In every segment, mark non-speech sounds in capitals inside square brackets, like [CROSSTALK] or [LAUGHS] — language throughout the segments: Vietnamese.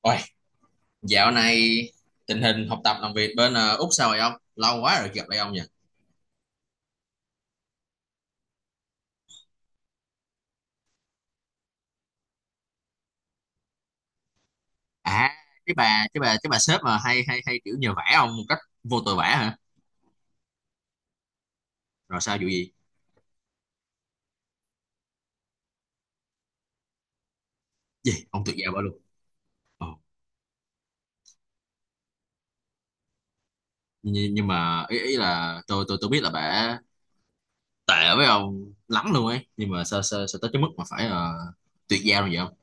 Ôi, dạo này tình hình học tập làm việc bên Úc sao rồi ông? Lâu quá rồi gặp lại ông nhỉ? À, cái bà sếp mà hay hay hay kiểu nhờ vả ông một cách vô tội vả hả? Rồi sao vụ gì? Gì? Ông tuyệt giao bà luôn. Ồ, nhưng mà ý ý là tôi biết là bà tệ với ông lắm luôn ấy, nhưng mà sao sao, sao tới cái mức mà phải tuyệt giao như vậy không?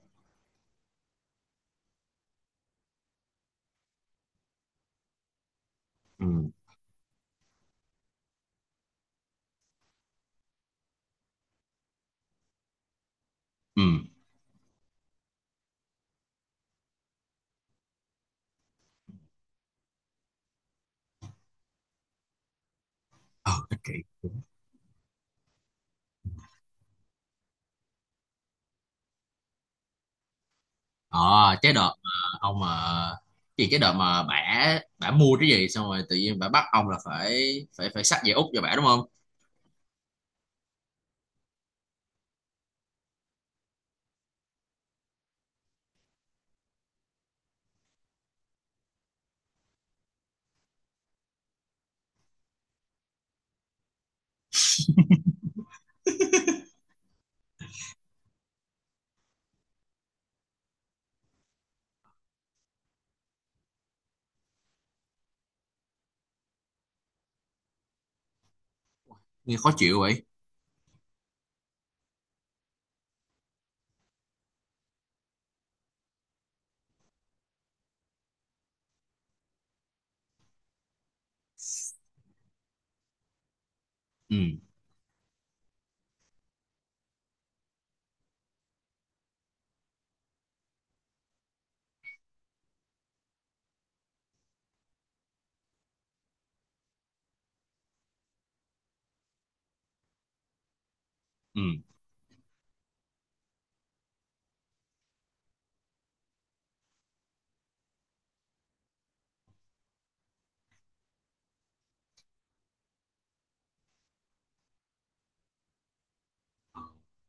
Ừ. Ừ. Ờ, ích kỷ. ờ cái đợt mà ông mà cái gì, cái đợt mà bả bả mua cái gì xong rồi tự nhiên bả bắt ông là phải phải phải xách về Úc cho bả, đúng không? Nghe khó chịu vậy. Ừ, ừ.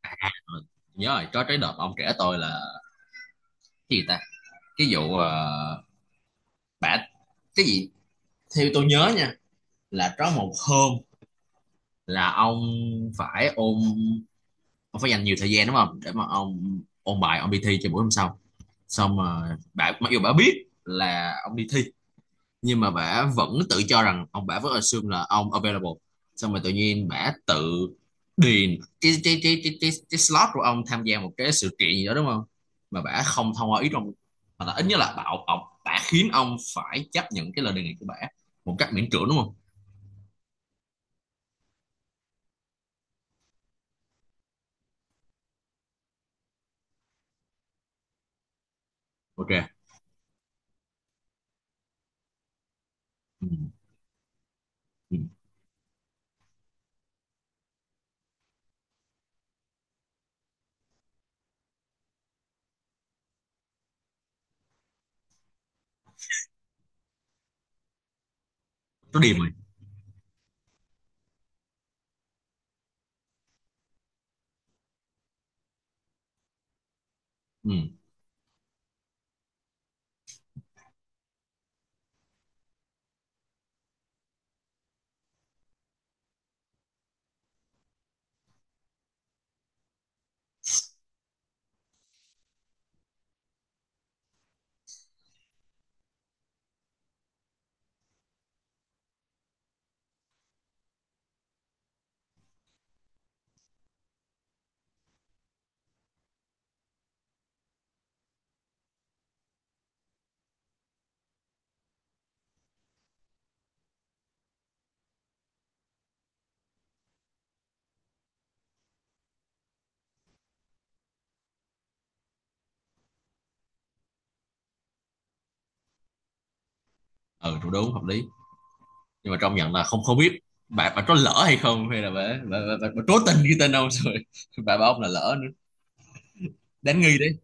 À, rồi. Nhớ rồi, có cái đợt ông kể tôi là cái gì ta, cái vụ bả cái gì, theo tôi nhớ nha, là có một hôm là phải ôn ông phải dành nhiều thời gian, đúng không, để mà ông ôn bài ông đi thi cho buổi hôm sau. Xong mà bà, mặc dù bà biết là ông đi thi nhưng mà bả vẫn tự cho rằng ông, bả vẫn assume là ông available. Xong rồi tự nhiên bả tự điền cái slot của ông tham gia một cái sự kiện gì đó, đúng không, mà bả không thông qua ý trong. Mà là ít nhất là bảo ông, bả khiến ông phải chấp nhận cái lời đề nghị của bả một cách miễn cưỡng, đúng không? Ok. Ừ. Ừ. Nó điềm rồi. Ừ, ừ. Tôi, đúng, hợp lý, nhưng mà trong nhận là không không biết bà có lỡ hay không hay là bà cố tình ghi tên ông [LAUGHS] rồi bà bảo ông là lỡ nữa. Đáng nghi đấy.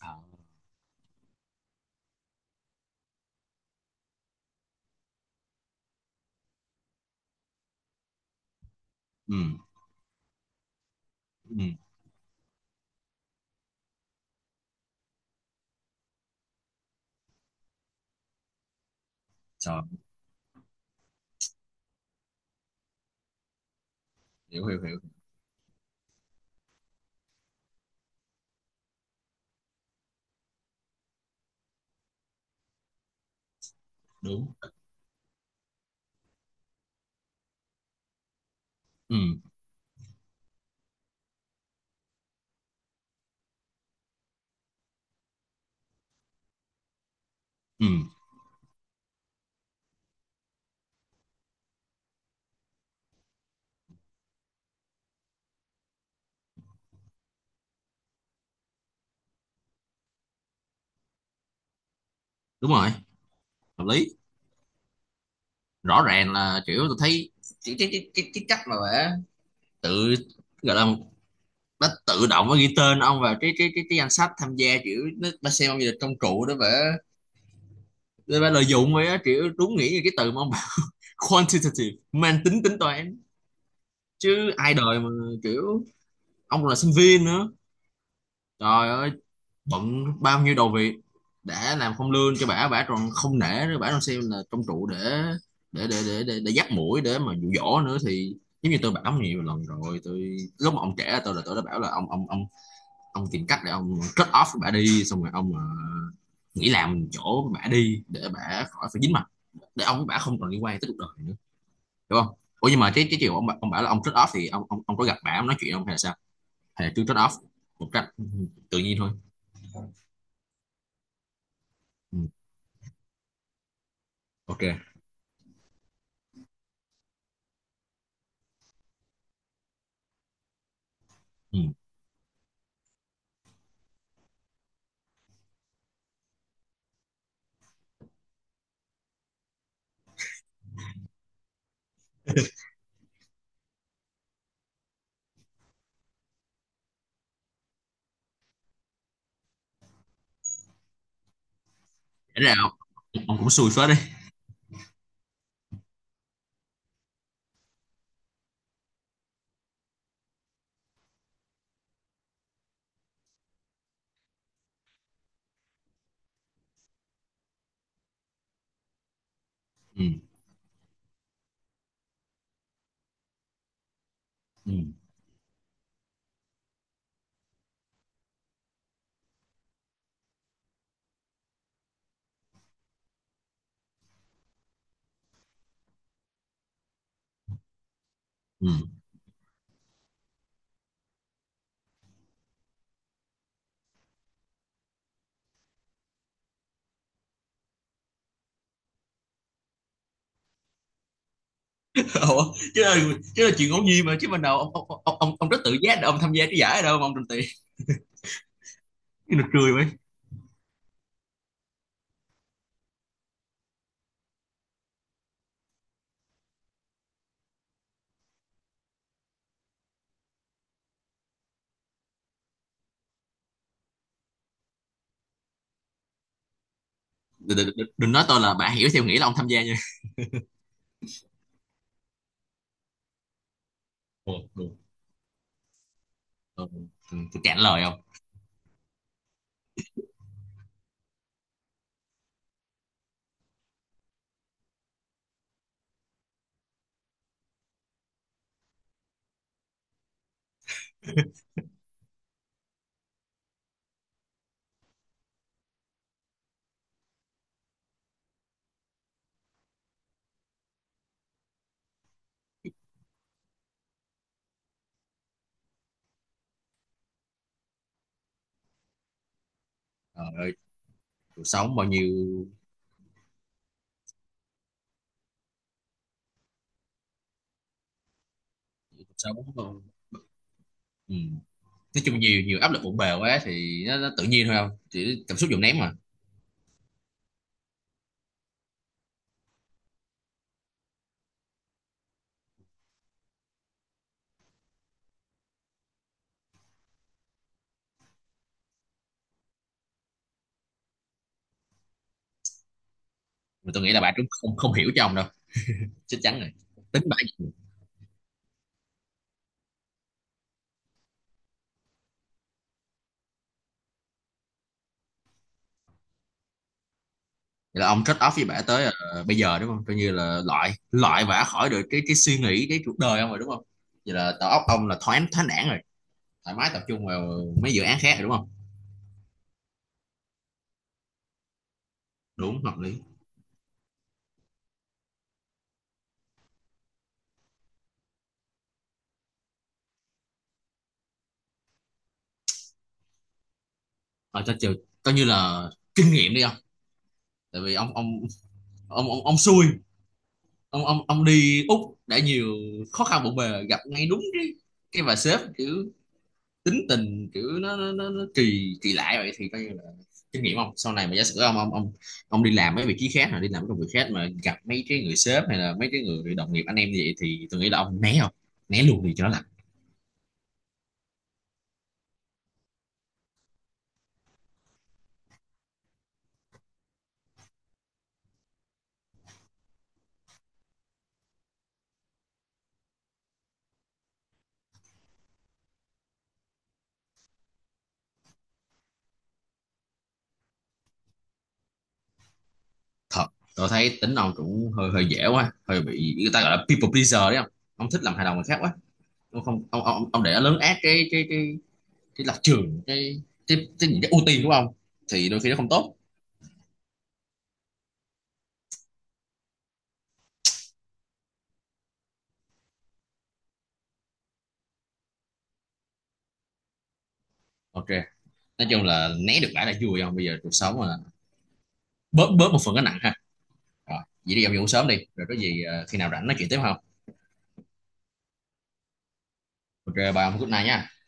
À, ừ, ừ. Trời, hiểu hiểu hiểu. Đúng. Ừ, ừ. Đúng rồi, hợp lý. Rõ ràng là kiểu tôi thấy cái cách mà bả tự, gọi là, nó tự động nó ghi tên ông vào cái danh sách tham gia, kiểu nó xem ông như là công cụ đó bả, để bả lợi dụng vậy á. Kiểu đúng nghĩa như cái từ mà ông bảo [LAUGHS] quantitative, mang tính tính toán. Chứ ai đời mà kiểu ông còn là sinh viên nữa, trời ơi, bận bao nhiêu đầu việc. Đã làm không lương cho bả, bả còn không nể nữa, bả còn xem là công cụ để dắt mũi để mà dụ dỗ nữa thì giống như tôi bảo nhiều lần rồi, tôi lúc mà ông trẻ tôi là tôi đã bảo là ông tìm cách để ông cut off với bả đi. Xong rồi ông nghỉ làm chỗ bả đi để bả khỏi phải dính mặt, để ông với bả không còn liên quan tới cuộc đời nữa, hiểu không? Ủa nhưng mà cái chiều ông ông bảo là ông cut off thì ông có gặp bả ông nói chuyện không hay là sao? Hay là cứ cut off một cách tự nhiên thôi? Ừ. Ok. Ừ. Để ra, ông cũng xui phết đi. Ừ. Ừ. Ừ. [LAUGHS] Ủa, chứ là chuyện ngẫu nhiên mà, chứ ban đầu ông rất tự giác để ông tham gia cái giải ở đâu mà ông trình tiền. Cái nó cười mấy. Đừng, nói tôi là bạn hiểu theo nghĩ là ông tham gia nha. Ừ, ừ, ừ, ừ, tôi cạn lời không. Trời ơi, cuộc sống bao nhiêu. Cuộc sống không. Ừ. Nói chung nhiều nhiều áp lực bộn bề quá thì nó tự nhiên thôi không, chỉ cảm xúc dồn nén mà. Mà tôi nghĩ là bạn cũng không không hiểu cho ông đâu, chắc chắn rồi, tính bạn. Vậy là ông trade off với bả tới bây giờ, đúng không, coi như là loại loại bả khỏi được cái suy nghĩ, cái cuộc đời ông rồi, đúng không? Vậy là đầu óc ông là thoáng thoáng đãng rồi, thoải mái tập trung vào mấy dự án khác rồi, đúng không? Đúng, hợp lý. Ở cho chiều, coi như là kinh nghiệm đi ông. Tại vì ông xui, ông đi Úc đã nhiều khó khăn bộn bề, gặp ngay đúng cái bà sếp kiểu tính tình kiểu nó kỳ kỳ lạ vậy thì coi như là kinh nghiệm ông sau này mà giả sử ông đi làm mấy vị trí khác hoặc đi làm mấy công việc khác mà gặp mấy cái người sếp hay là mấy cái người đồng nghiệp anh em như vậy thì tôi nghĩ là ông né không, né luôn đi cho nó lạnh. Thật, tôi thấy tính ông cũng hơi hơi dễ quá, hơi bị người ta gọi là people pleaser đấy không, ông thích làm hài lòng người khác quá. Ông không ông để lớn át cái lập trường, những cái ưu tiên của ông, thì đôi khi nó không tốt. Ok. Nói chung là né được lại là vui không, bây giờ cuộc sống mà bớt bớt một phần cái nặng ha. Rồi, vậy đi gặp vụ sớm đi rồi có gì khi nào rảnh nói chuyện tiếp không? Ok, bye ông, good night nha.